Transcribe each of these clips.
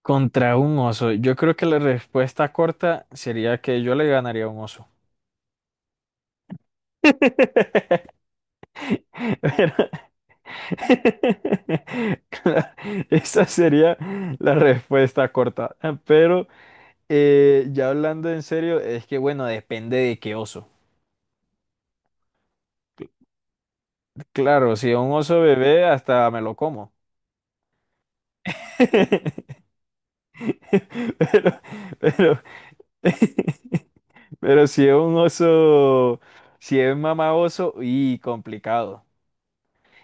Contra un oso. Yo creo que la respuesta corta sería que yo le ganaría a un oso. Pero- Esa sería la respuesta corta. Pero ya hablando en serio, es que bueno, depende de qué oso. Claro, si es un oso bebé, hasta me lo como. Pero, pero, pero si es un oso, si es mamá oso, y complicado.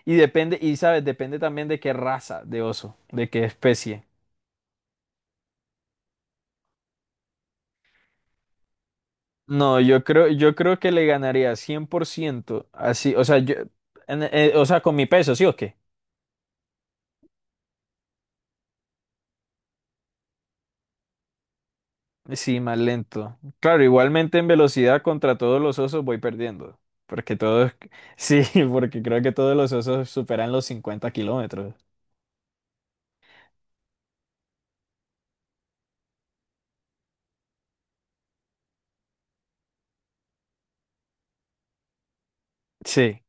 Y depende, y sabes, depende también de qué raza de oso, de qué especie. No, yo creo que le ganaría 100%, así, o sea, yo, o sea, con mi peso, ¿sí o qué? Sí, más lento. Claro, igualmente en velocidad contra todos los osos voy perdiendo, porque todos, sí, porque creo que todos los osos superan los 50 kilómetros. Sí,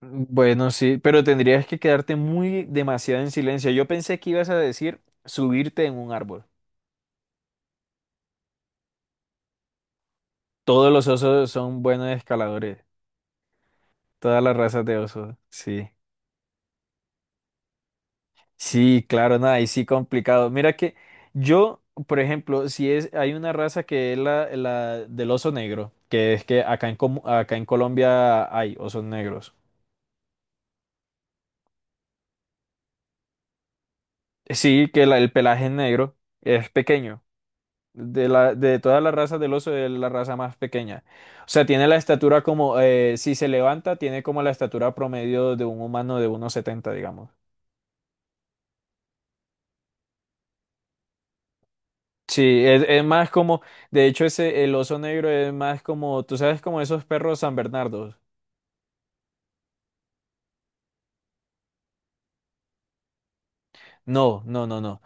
bueno, sí, pero tendrías que quedarte muy demasiado en silencio. Yo pensé que ibas a decir subirte en un árbol. Todos los osos son buenos escaladores. Todas las razas de osos. Sí. Sí, claro, nada, y sí complicado. Mira que yo, por ejemplo, si es, hay una raza que es la, del oso negro, que es que acá en Colombia hay osos negros. Sí, que el pelaje es negro es pequeño. De todas las razas del oso es la raza más pequeña. O sea, tiene la estatura como, si se levanta, tiene como la estatura promedio de un humano de 1,70, digamos. Sí, es más como, de hecho, ese, el oso negro es más como, tú sabes, como esos perros San Bernardos. No, no, no, no.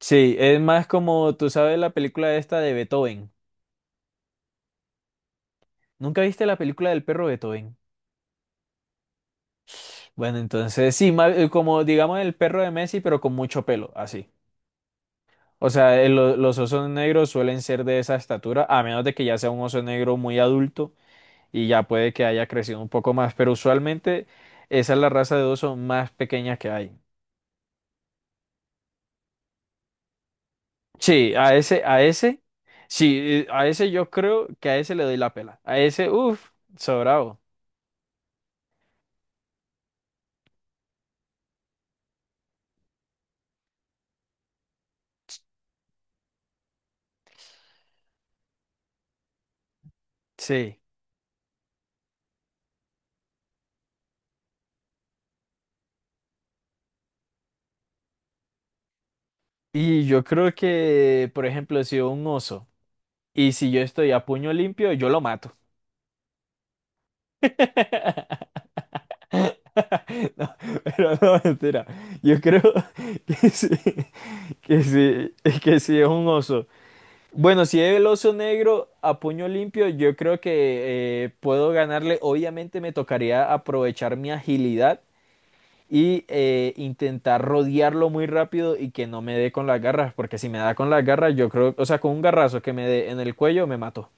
Sí, es más como, tú sabes, la película esta de Beethoven. ¿Nunca viste la película del perro Beethoven? Bueno, entonces, sí, como, digamos, el perro de Messi, pero con mucho pelo, así. O sea, los osos negros suelen ser de esa estatura, a menos de que ya sea un oso negro muy adulto y ya puede que haya crecido un poco más, pero usualmente esa es la raza de oso más pequeña que hay. Sí, a ese, sí, a ese yo creo que a ese le doy la pela. A ese, uff, sobrado. Sí. Y yo creo que, por ejemplo, si un oso y si yo estoy a puño limpio, yo lo mato. No, pero no, mentira. Yo creo que sí, que sí, que sí es un oso. Bueno, si es el oso negro a puño limpio, yo creo que puedo ganarle. Obviamente me tocaría aprovechar mi agilidad y intentar rodearlo muy rápido y que no me dé con las garras, porque si me da con las garras, yo creo, o sea, con un garrazo que me dé en el cuello, me mató.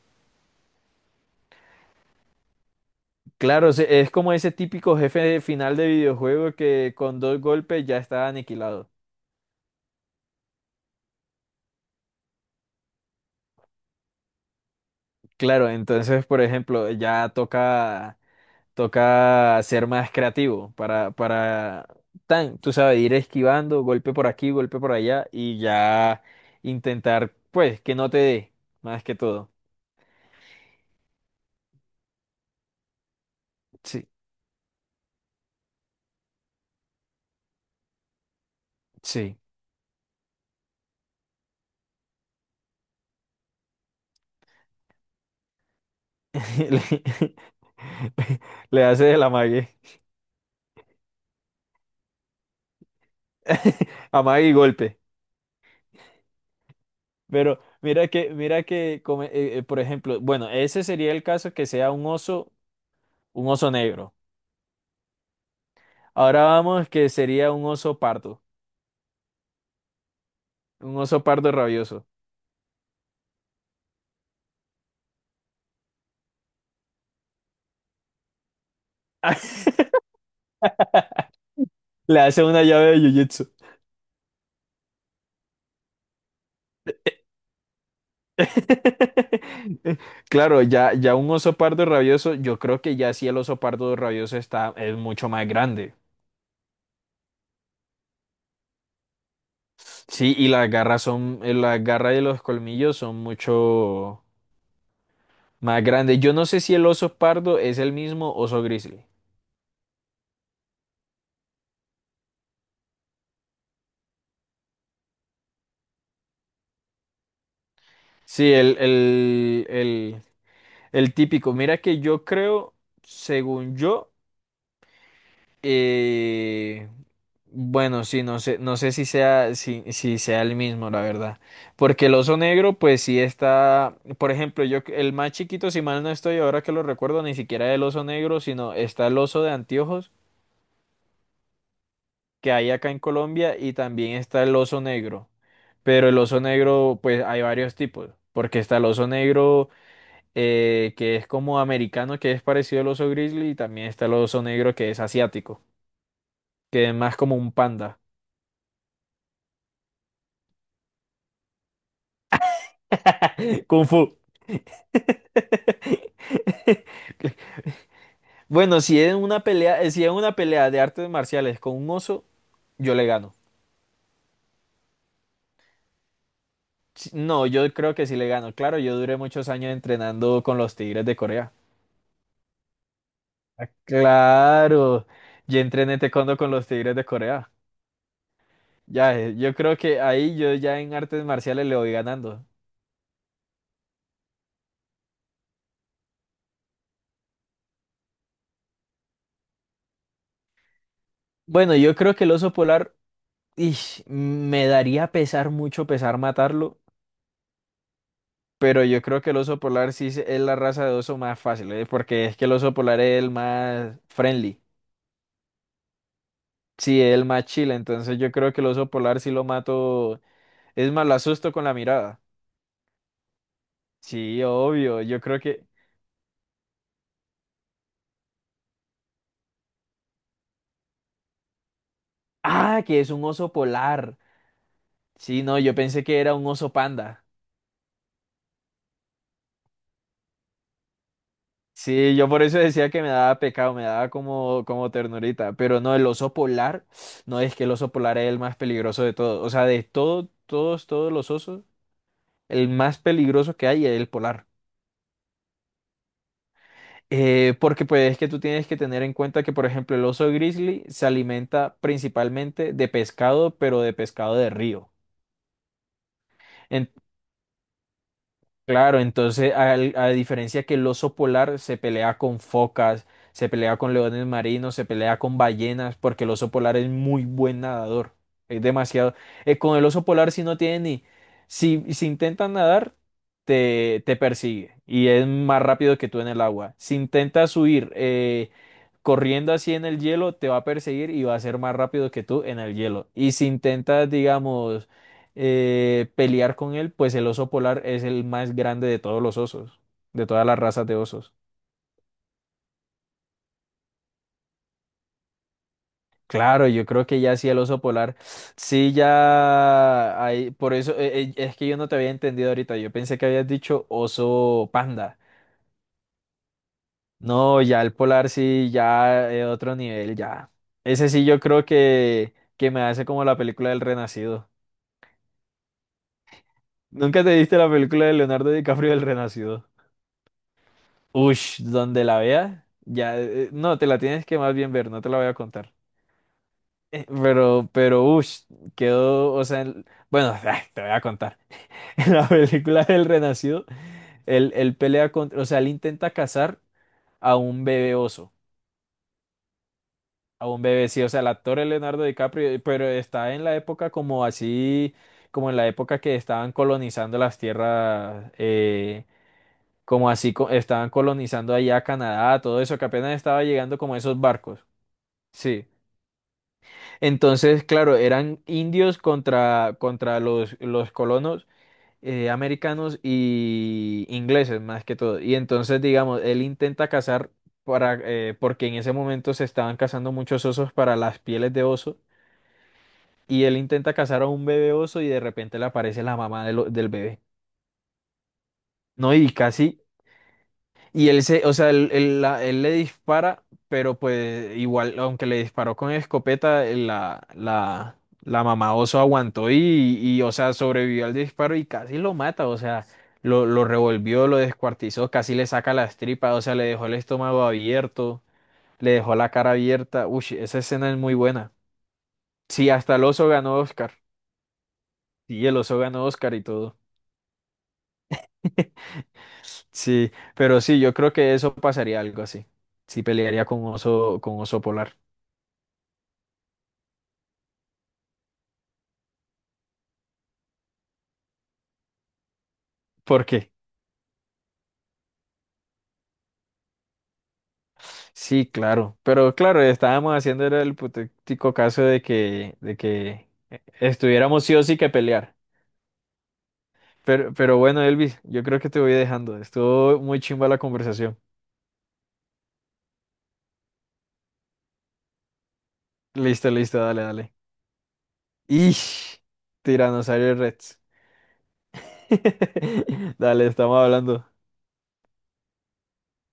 Claro, es como ese típico jefe de final de videojuego que con dos golpes ya está aniquilado. Claro, entonces, por ejemplo, ya toca ser más creativo para, tan, tú sabes, ir esquivando, golpe por aquí, golpe por allá y ya intentar, pues, que no te dé, más que todo. Sí, sí. Le, le hace el amague. Amague y golpe. Pero mira que, por ejemplo, bueno, ese sería el caso que sea un oso negro. Ahora vamos que sería un oso pardo rabioso. Le hace una llave de jiu-jitsu. Claro, ya un oso pardo rabioso, yo creo que ya sí el oso pardo rabioso es mucho más grande. Sí, y las garras son, las garras de los colmillos son mucho más grandes. Yo no sé si el oso pardo es el mismo oso grizzly. Sí, el típico. Mira que yo creo, según yo, eh, bueno, sí, no sé si sea, si sea el mismo, la verdad. Porque el oso negro, pues sí está, por ejemplo, yo, el más chiquito, si mal no estoy, ahora que lo recuerdo, ni siquiera el oso negro, sino está el oso de anteojos que hay acá en Colombia y también está el oso negro. Pero el oso negro, pues hay varios tipos, porque está el oso negro que es como americano, que es parecido al oso grizzly, y también está el oso negro que es asiático, que es más como un panda. Kung Fu. Bueno, si es una pelea, si es una pelea de artes marciales con un oso, yo le gano. No, yo creo que sí le gano. Claro, yo duré muchos años entrenando con los Tigres de Corea. Ah, claro, yo entrené taekwondo con los Tigres de Corea. Ya, yo creo que ahí yo ya en artes marciales le voy ganando. Bueno, yo creo que el oso polar, ish, me daría pesar mucho pesar matarlo, pero yo creo que el oso polar sí es la raza de oso más fácil, porque es que el oso polar es el más friendly, sí, es el más chill, entonces yo creo que el oso polar sí lo mato, es más, lo asusto con la mirada. Sí, obvio, yo creo que... Ah, que es un oso polar. Sí, no, yo pensé que era un oso panda. Sí, yo por eso decía que me daba pecado, me daba como ternurita. Pero no, el oso polar, no es que el oso polar es el más peligroso de todos. O sea, de todos los osos, el más peligroso que hay es el polar. Porque pues es que tú tienes que tener en cuenta que, por ejemplo, el oso grizzly se alimenta principalmente de pescado, pero de pescado de río. Claro, entonces a diferencia que el oso polar se pelea con focas, se pelea con leones marinos, se pelea con ballenas, porque el oso polar es muy buen nadador. Es demasiado. Con el oso polar si no tiene ni... Si intentas nadar, te persigue y es más rápido que tú en el agua. Si intentas huir corriendo así en el hielo, te va a perseguir y va a ser más rápido que tú en el hielo. Y si intentas, digamos pelear con él, pues el oso polar es el más grande de todos los osos, de todas las razas de osos. Claro, yo creo que ya sí el oso polar, sí ya hay, por eso es que yo no te había entendido ahorita, yo pensé que habías dicho oso panda. No, ya el polar sí, ya otro nivel, ya. Ese sí yo creo que, me hace como la película del Renacido. ¿Nunca te viste la película de Leonardo DiCaprio del Renacido? Ush, donde la veas, ya, no, te la tienes que más bien ver, no te la voy a contar. Pero, ush, quedó, o sea, bueno, te voy a contar. En la película del Renacido, él pelea contra, o sea, él intenta cazar a un bebé oso, a un bebé, sí, o sea, el actor es Leonardo DiCaprio, pero está en la época como así, como en la época que estaban colonizando las tierras, como así, estaban colonizando allá Canadá, todo eso, que apenas estaba llegando como esos barcos. Sí. Entonces, claro, eran indios contra, los colonos americanos y ingleses más que todo. Y entonces, digamos, él intenta cazar porque en ese momento se estaban cazando muchos osos para las pieles de oso. Y él intenta cazar a un bebé oso y de repente le aparece la mamá de del bebé. No, y casi Y él se, o sea, él le dispara, pero pues igual, aunque le disparó con escopeta, la mamá oso aguantó y, o sea, sobrevivió al disparo y casi lo mata, o sea, lo revolvió, lo descuartizó, casi le saca las tripas, o sea, le dejó el estómago abierto, le dejó la cara abierta. Uy, esa escena es muy buena. Sí, hasta el oso ganó Oscar. Sí, el oso ganó Oscar y todo. Sí, pero sí, yo creo que eso pasaría algo así. Sí, pelearía con oso polar. ¿Por qué? Sí, claro. Pero claro, estábamos haciendo era el hipotético caso de que, estuviéramos sí o sí que pelear. Pero bueno, Elvis, yo creo que te voy dejando. Estuvo muy chimba la conversación. Listo, listo, dale, dale. Ish, Tiranosaurio Rex. Dale, estamos hablando.